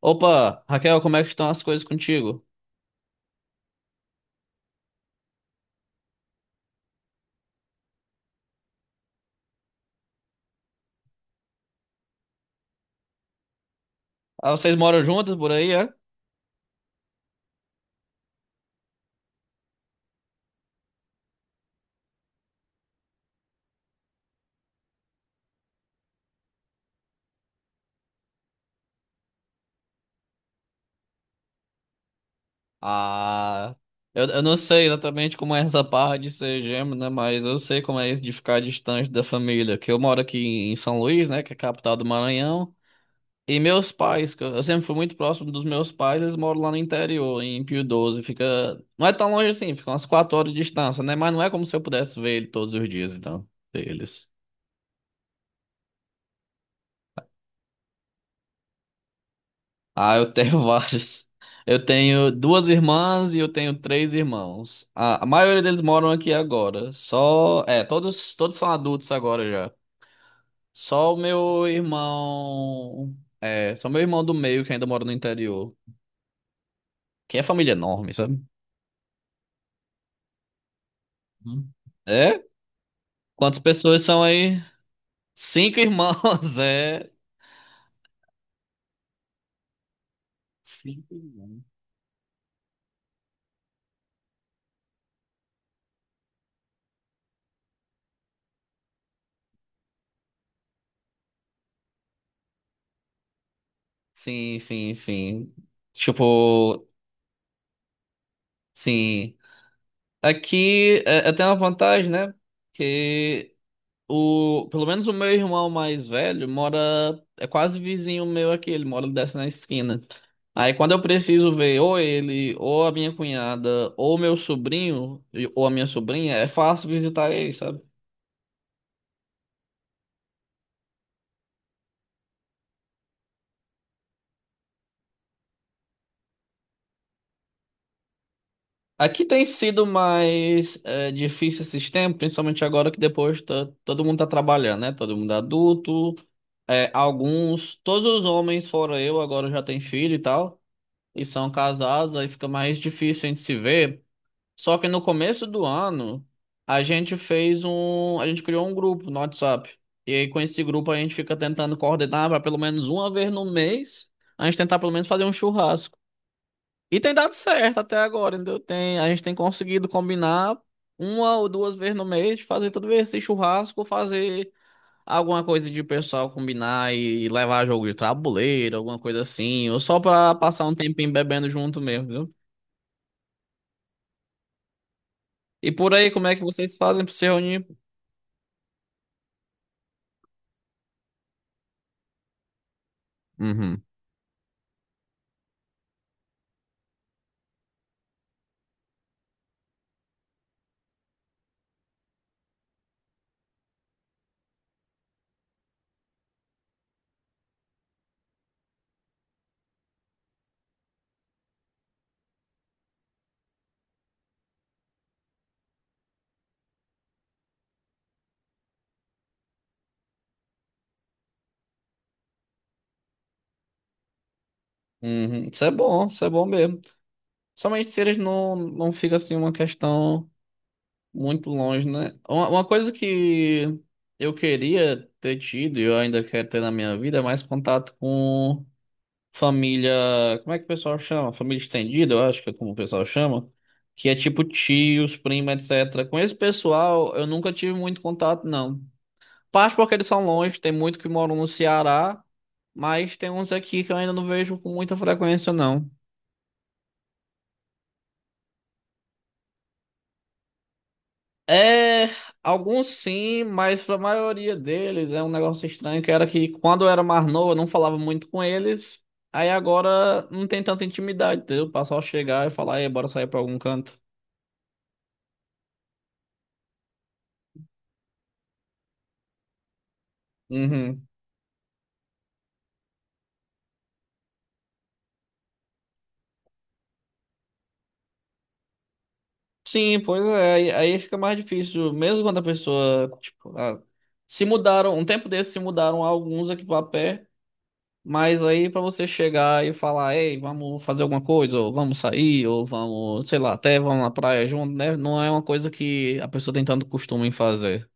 Opa, Raquel, como é que estão as coisas contigo? Ah, vocês moram juntas por aí, é? Ah, eu não sei exatamente como é essa parte de ser gêmeo, né? Mas eu sei como é isso de ficar distante da família. Que eu moro aqui em São Luís, né? Que é a capital do Maranhão. E meus pais, que eu sempre fui muito próximo dos meus pais, eles moram lá no interior, em Pio 12. Fica. Não é tão longe assim, fica umas 4 horas de distância, né? Mas não é como se eu pudesse ver ele todos os dias, então, eles. Ah, eu tenho vários. Eu tenho duas irmãs e eu tenho três irmãos. A maioria deles moram aqui agora. Só, é, todos são adultos agora já. Só o meu irmão, é, só meu irmão do meio que ainda mora no interior, que é família enorme, sabe? Hum. É? Quantas pessoas são aí? Cinco irmãos, é. Cinco irmãos. Sim, sim, sim. Tipo, sim. Aqui é, eu tenho uma vantagem, né? Que O, pelo menos o meu irmão mais velho mora, é quase vizinho meu aqui, ele mora desce na esquina. Aí quando eu preciso ver ou ele, ou a minha cunhada, ou meu sobrinho, e- ou a minha sobrinha, é fácil visitar ele, sabe? Aqui tem sido mais é, difícil esses tempos, principalmente agora que depois tá- todo mundo tá trabalhando, né? Todo mundo é adulto, é, alguns, todos os homens, fora eu, agora já tem filho e tal, e são casados, aí fica mais difícil a gente se ver. Só que no começo do ano, a gente fez um. A gente criou um grupo no WhatsApp. E aí, com esse grupo, a gente fica tentando coordenar para pelo menos uma vez no mês, a gente tentar pelo menos fazer um churrasco. E tem dado certo até agora, entendeu? Tem, a gente tem conseguido combinar uma ou duas vezes no mês, de fazer todo esse churrasco, fazer alguma coisa de pessoal combinar e levar jogo de tabuleiro, alguma coisa assim, ou só para passar um tempinho bebendo junto mesmo, viu? E por aí, como é que vocês fazem para se reunir? Uhum. Uhum. Isso é bom mesmo. Somente se eles não fica assim uma questão muito longe, né? Uma coisa que eu queria ter tido e eu ainda quero ter na minha vida é mais contato com família. Como é que o pessoal chama? Família estendida, eu acho que é como o pessoal chama. Que é tipo tios, prima, etc. Com esse pessoal eu nunca tive muito contato, não. Parte porque eles são longe, tem muito que moram no Ceará, mas tem uns aqui que eu ainda não vejo com muita frequência, não. É, alguns sim, mas pra maioria deles é um negócio estranho que era que quando eu era mais novo eu não falava muito com eles, aí agora não tem tanta intimidade, entendeu? O pessoal chegar e falar, e bora sair pra algum canto. Uhum. Sim, pois é, aí fica mais difícil, mesmo quando a pessoa, tipo, ah, se mudaram, um tempo desse se mudaram alguns aqui pra pé. Mas aí pra você chegar e falar, ei, vamos fazer alguma coisa, ou vamos sair, ou vamos, sei lá, até vamos na praia junto, né? Não é uma coisa que a pessoa tem tanto costume em fazer.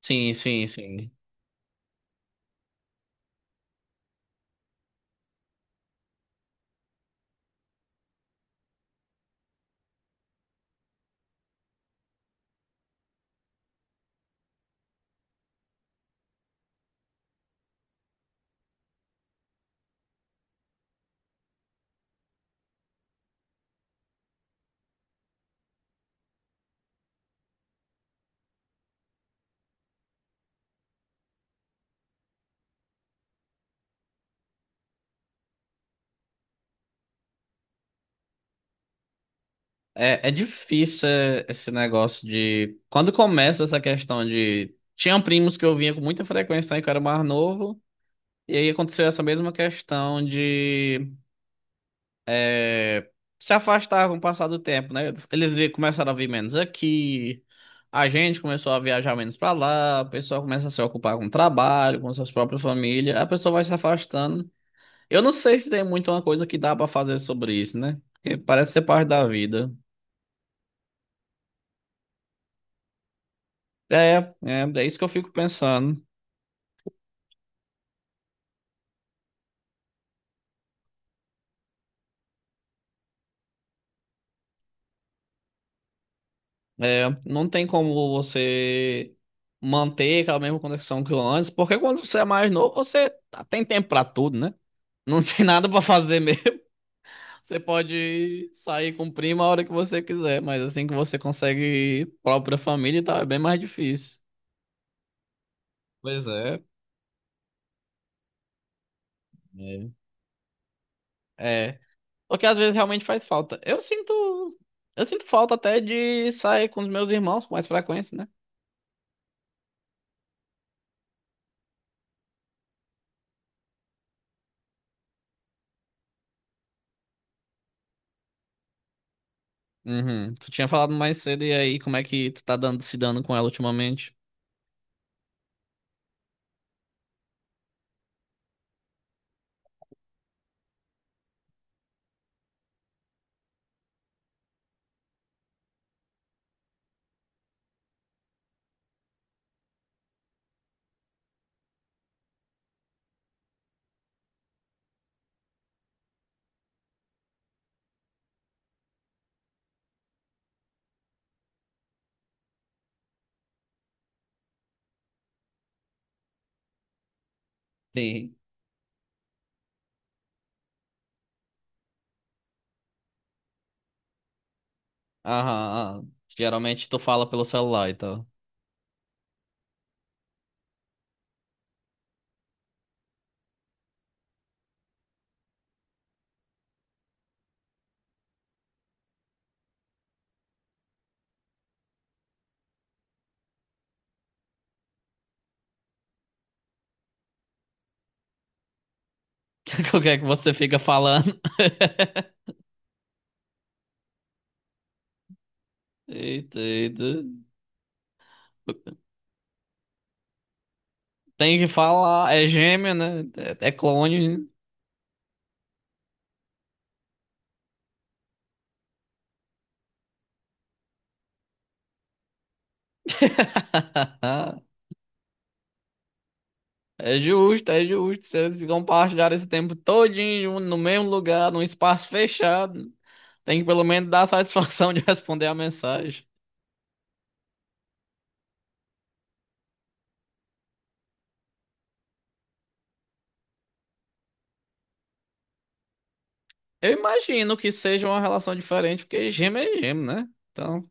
Sim, sim, sim. É, é difícil é, esse negócio de. Quando começa essa questão de. Tinha primos que eu vinha com muita frequência lá em que eu era mais novo, e aí aconteceu essa mesma questão de. É, se afastar com o passar do tempo, né? Eles vi- começaram a vir menos aqui, a gente começou a viajar menos pra lá, a pessoa começa a se ocupar com o trabalho, com suas próprias famílias, a pessoa vai se afastando. Eu não sei se tem muito uma coisa que dá pra fazer sobre isso, né? Porque parece ser parte da vida. É, é, é isso que eu fico pensando. É, não tem como você manter aquela mesma conexão que antes, porque quando você é mais novo, você tem tempo pra tudo, né? Não tem nada pra fazer. Você pode sair com prima a hora que você quiser, mas assim que você consegue própria família, tá, é bem mais difícil. Pois é. É. É. Porque às vezes realmente faz falta. Eu sinto. Eu sinto falta até de sair com os meus irmãos com mais frequência, né? Uhum. Tu tinha falado mais cedo, e aí, como é que tu tá dando, se dando com ela ultimamente? Sim. Aham, aham. Geralmente tu fala pelo celular e tal. O que é que você fica falando? Eita, eita. Tem que falar, é gêmea, né? É é clone, né? É justo, é justo. Se eles compartilharam esse tempo todinho no mesmo lugar, num espaço fechado, tem que pelo menos dar a satisfação de responder a mensagem. Eu imagino que seja uma relação diferente, porque gêmeo é gêmeo, né? Então,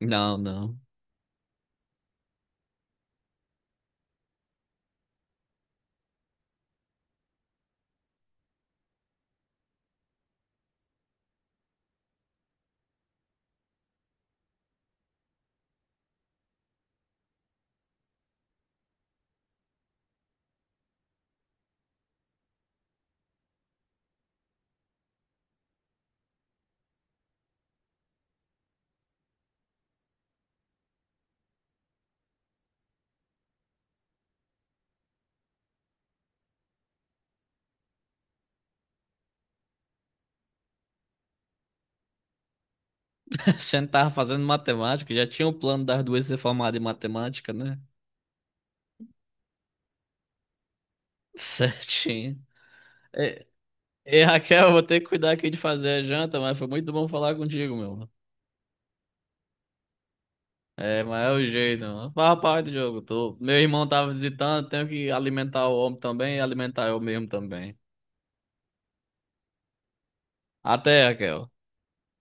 não, não. Você não tava fazendo matemática, já tinha o plano das duas ser formada em matemática, né? Certinho. É, ei, Raquel, vou ter que cuidar aqui de fazer a janta, mas foi muito bom falar contigo, meu. É, mas é o jeito, mano. Fala parte do jogo. Tô... Meu irmão tava visitando, tenho que alimentar o homem também e alimentar eu mesmo também. Até, Raquel.